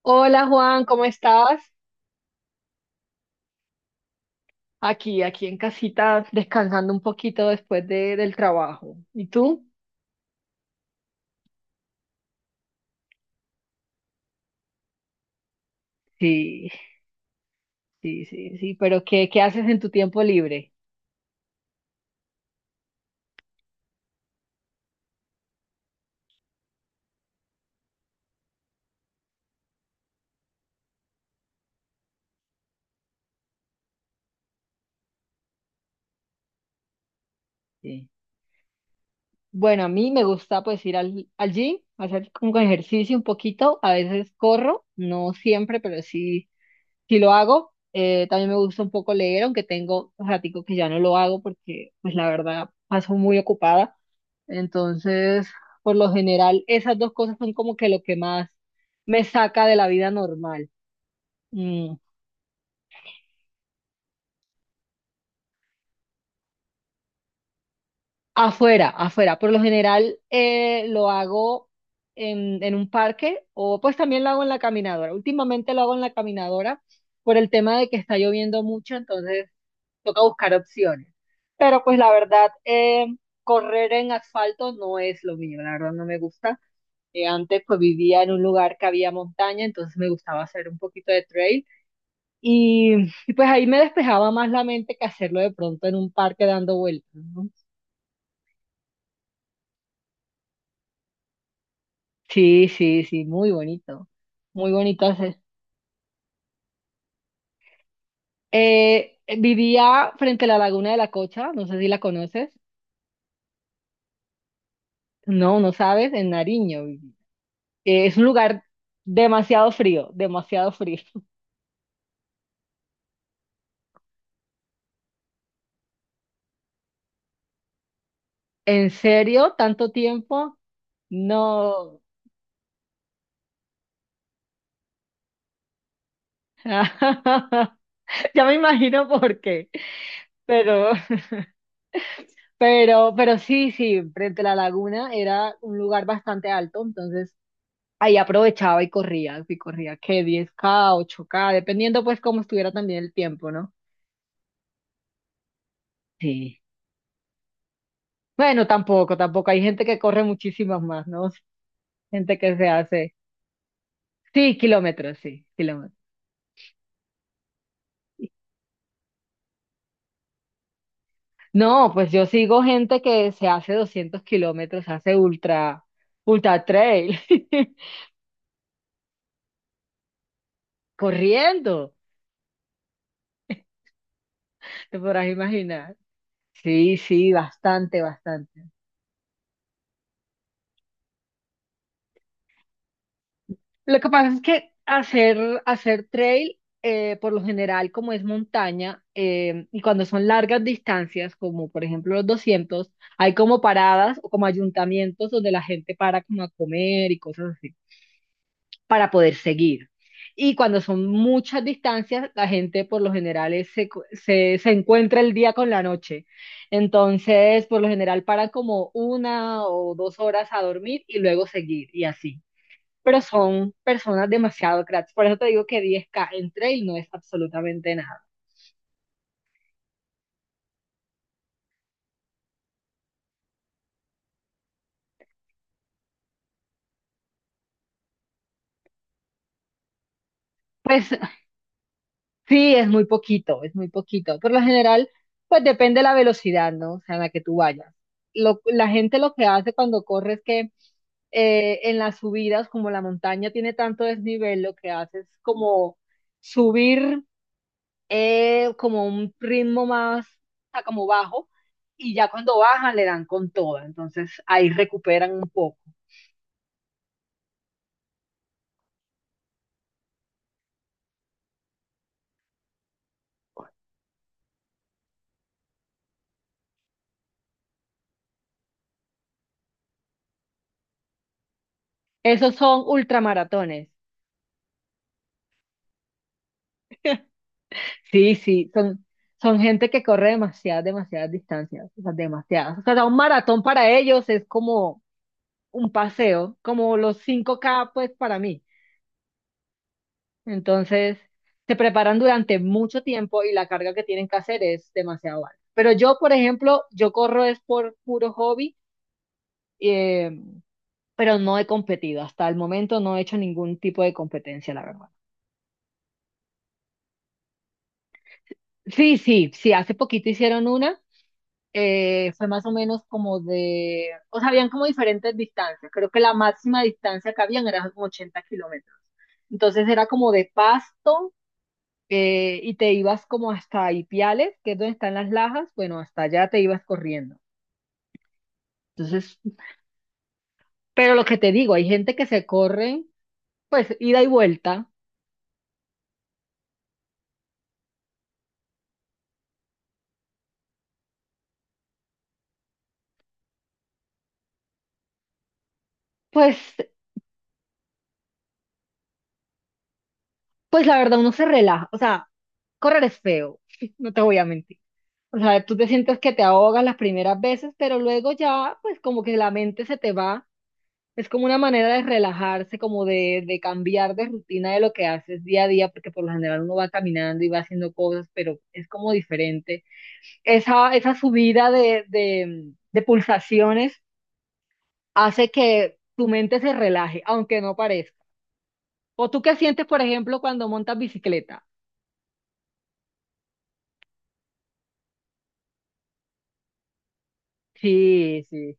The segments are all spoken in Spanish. Hola Juan, ¿cómo estás? Aquí en casita, descansando un poquito del trabajo. ¿Y tú? Sí, sí, pero ¿qué haces en tu tiempo libre? Sí. Bueno, a mí me gusta pues ir al gym, hacer como ejercicio un poquito, a veces corro, no siempre, pero sí. Si lo hago, también me gusta un poco leer, aunque tengo ratico que ya no lo hago porque, pues la verdad, paso muy ocupada. Entonces, por lo general, esas dos cosas son como que lo que más me saca de la vida normal. Mm, Afuera, afuera. Por lo general, lo hago en un parque o pues también lo hago en la caminadora. Últimamente lo hago en la caminadora por el tema de que está lloviendo mucho, entonces toca buscar opciones. Pero pues la verdad, correr en asfalto no es lo mío, la verdad no me gusta. Antes pues vivía en un lugar que había montaña, entonces me gustaba hacer un poquito de trail y, y, pues ahí me despejaba más la mente que hacerlo de pronto en un parque dando vueltas, ¿no? Sí, sí, sí, muy bonito hacer. Vivía frente a la Laguna de la Cocha, no sé si la conoces, no, no sabes, en Nariño. Es un lugar demasiado frío, demasiado frío. ¿En serio? ¿Tanto tiempo? No. Ya me imagino por qué. Pero, pero sí, sí, frente a la laguna era un lugar bastante alto, entonces ahí aprovechaba y corría que 10K 8K dependiendo pues cómo estuviera también el tiempo, ¿no? Sí. Bueno, tampoco, tampoco. Hay gente que corre muchísimas más, ¿no? Gente que se hace. Sí, kilómetros, sí, kilómetros. No, pues yo sigo gente que se hace 200 kilómetros, hace ultra, ultra trail. Corriendo, te podrás imaginar. Sí, sí, bastante, bastante. Lo que pasa es que hacer trail, por lo general, como es montaña, y cuando son largas distancias, como por ejemplo los 200, hay como paradas o como ayuntamientos donde la gente para como a comer y cosas así para poder seguir. Y cuando son muchas distancias, la gente por lo general se encuentra el día con la noche. Entonces, por lo general para como 1 o 2 horas a dormir y luego seguir y así. Pero son personas demasiado cracks. Por eso te digo que 10K en trail no es absolutamente nada. Pues sí, es muy poquito, es muy poquito. Por lo general, pues depende de la velocidad, ¿no? O sea, en la que tú vayas. Lo- la gente lo que hace cuando corre es que en las subidas, como la montaña tiene tanto desnivel, lo que hace es como subir como un ritmo más, o sea, como bajo, y ya cuando bajan le dan con toda. Entonces ahí recuperan un poco. Esos son ultramaratones. Sí, sí, son, son gente que corre demasiadas, demasiadas distancias, o sea, demasiadas. O sea, un maratón para ellos es como un paseo, como los 5K pues para mí. Entonces, se preparan durante mucho tiempo y la carga que tienen que hacer es demasiado alta. Pero yo, por ejemplo, yo corro es por puro hobby, eh, pero no he competido. Hasta el momento no he hecho ningún tipo de competencia, la verdad. Sí, sí, sí, hace poquito hicieron una. Fue más o menos como de, o sea, habían como diferentes distancias. Creo que la máxima distancia que habían era como 80 kilómetros. Entonces era como de pasto, y te ibas como hasta Ipiales, que es donde están las lajas. Bueno, hasta allá te ibas corriendo. Entonces, pero lo que te digo, hay gente que se corre, pues ida y vuelta. Pues, pues la verdad uno se relaja. O sea, correr es feo, no te voy a mentir. O sea, tú te sientes que te ahogas las primeras veces, pero luego ya, pues como que la mente se te va. Es como una manera de relajarse, como de cambiar de rutina de lo que haces día a día, porque por lo general uno va caminando y va haciendo cosas, pero es como diferente. Esa subida de pulsaciones hace que tu mente se relaje, aunque no parezca. ¿O tú qué sientes, por ejemplo, cuando montas bicicleta? Sí, sí,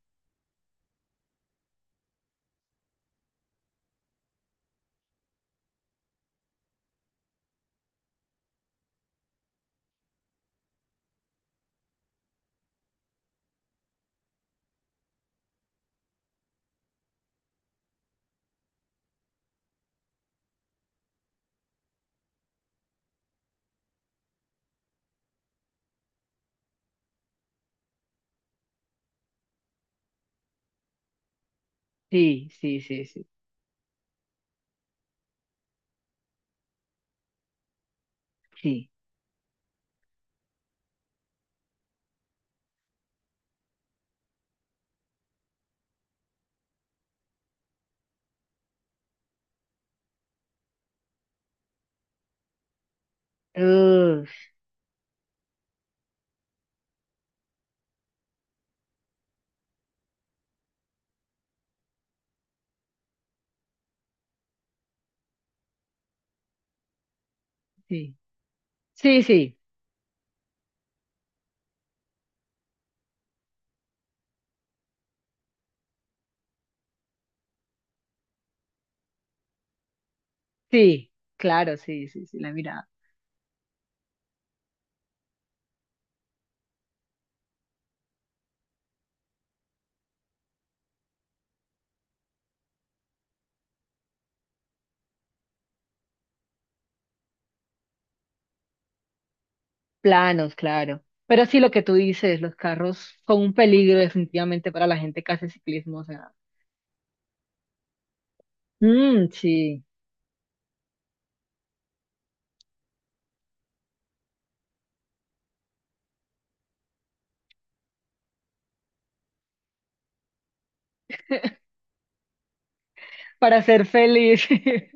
sí, sí, sí, sí, sí. Uf, sí, sí, sí. Sí, claro, sí, sí, sí, la mirada. Planos, claro. Pero sí, lo que tú dices, los carros son un peligro definitivamente para la gente que hace ciclismo, o sea. Mm, sí, para ser feliz.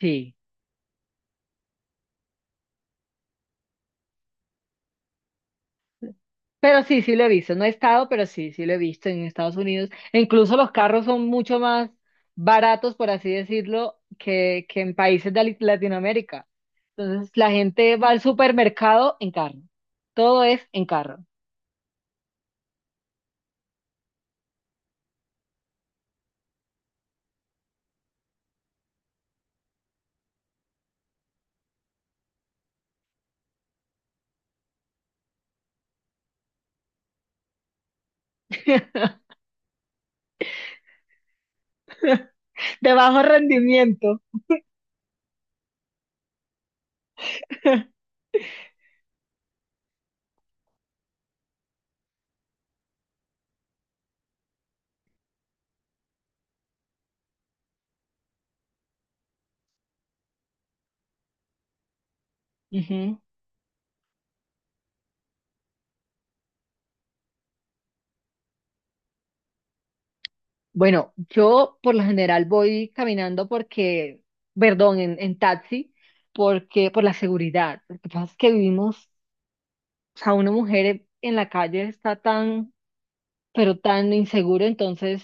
Sí, pero sí, sí lo he visto. No he estado, pero sí, sí lo he visto en Estados Unidos. E incluso los carros son mucho más baratos, por así decirlo, que en países de Latinoamérica. Entonces, la gente va al supermercado en carro. Todo es en carro. De bajo rendimiento. Ujú. Bueno, yo por lo general voy caminando porque, perdón, en taxi, porque por la seguridad. Lo que pasa es que vivimos, o sea, una mujer en la calle está tan, pero tan insegura, entonces,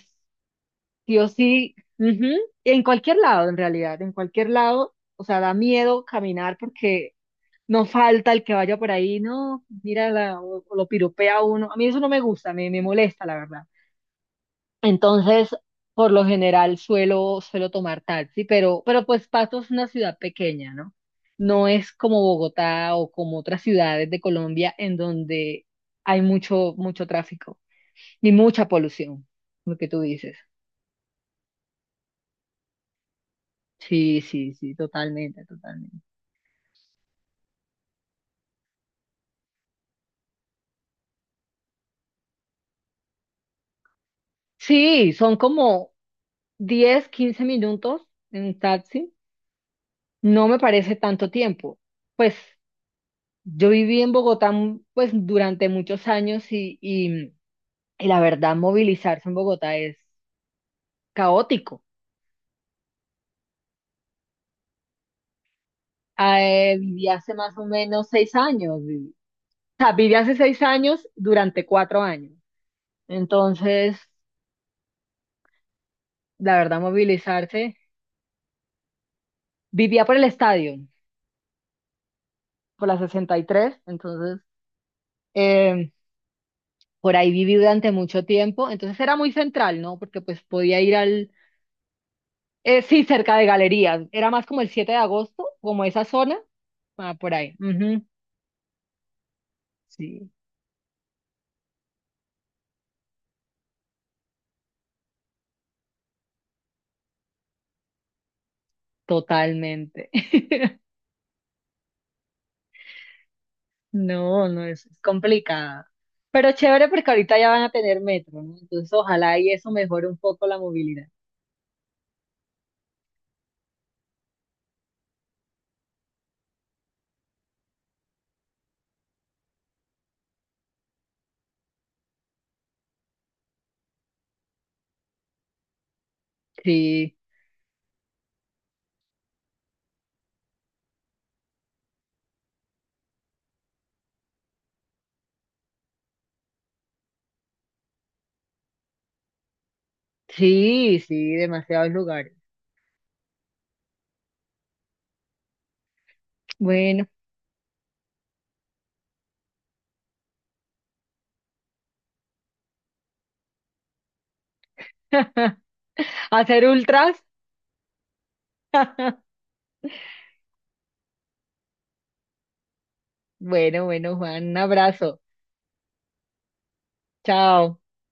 sí o sí, ujú. En cualquier lado, en realidad, en cualquier lado, o sea, da miedo caminar porque no falta el que vaya por ahí, no, mira, o lo piropea a uno. A mí eso no me gusta, me molesta, la verdad. Entonces, por lo general suelo, suelo tomar taxi, pero pues Pasto es una ciudad pequeña, ¿no? No es como Bogotá o como otras ciudades de Colombia en donde hay mucho, mucho tráfico ni mucha polución, lo que tú dices. Sí, sí, sí, totalmente, totalmente. Sí, son como 10 15 minutos en un taxi. No me parece tanto tiempo. Pues yo viví en Bogotá, pues durante muchos años y Y la verdad, movilizarse en Bogotá es caótico. Viví hace más o menos 6 años. O sea, viví hace 6 años durante 4 años. Entonces, la verdad, movilizarse. Vivía por el estadio, por la 63. Entonces, eh, por ahí viví durante mucho tiempo. Entonces, era muy central, ¿no? Porque pues podía ir al... Eh, sí, cerca de galerías. Era más como el siete de agosto, como esa zona. Ah, por ahí. Ujú. Sí, totalmente. No, no es, es complicada. Pero chévere porque ahorita ya van a tener metro, ¿no? Entonces ojalá y eso mejore un poco la movilidad. Sí, sí, sí, demasiados lugares. Bueno, hacer ultras. Bueno, bueno, Juan, un abrazo. Chao.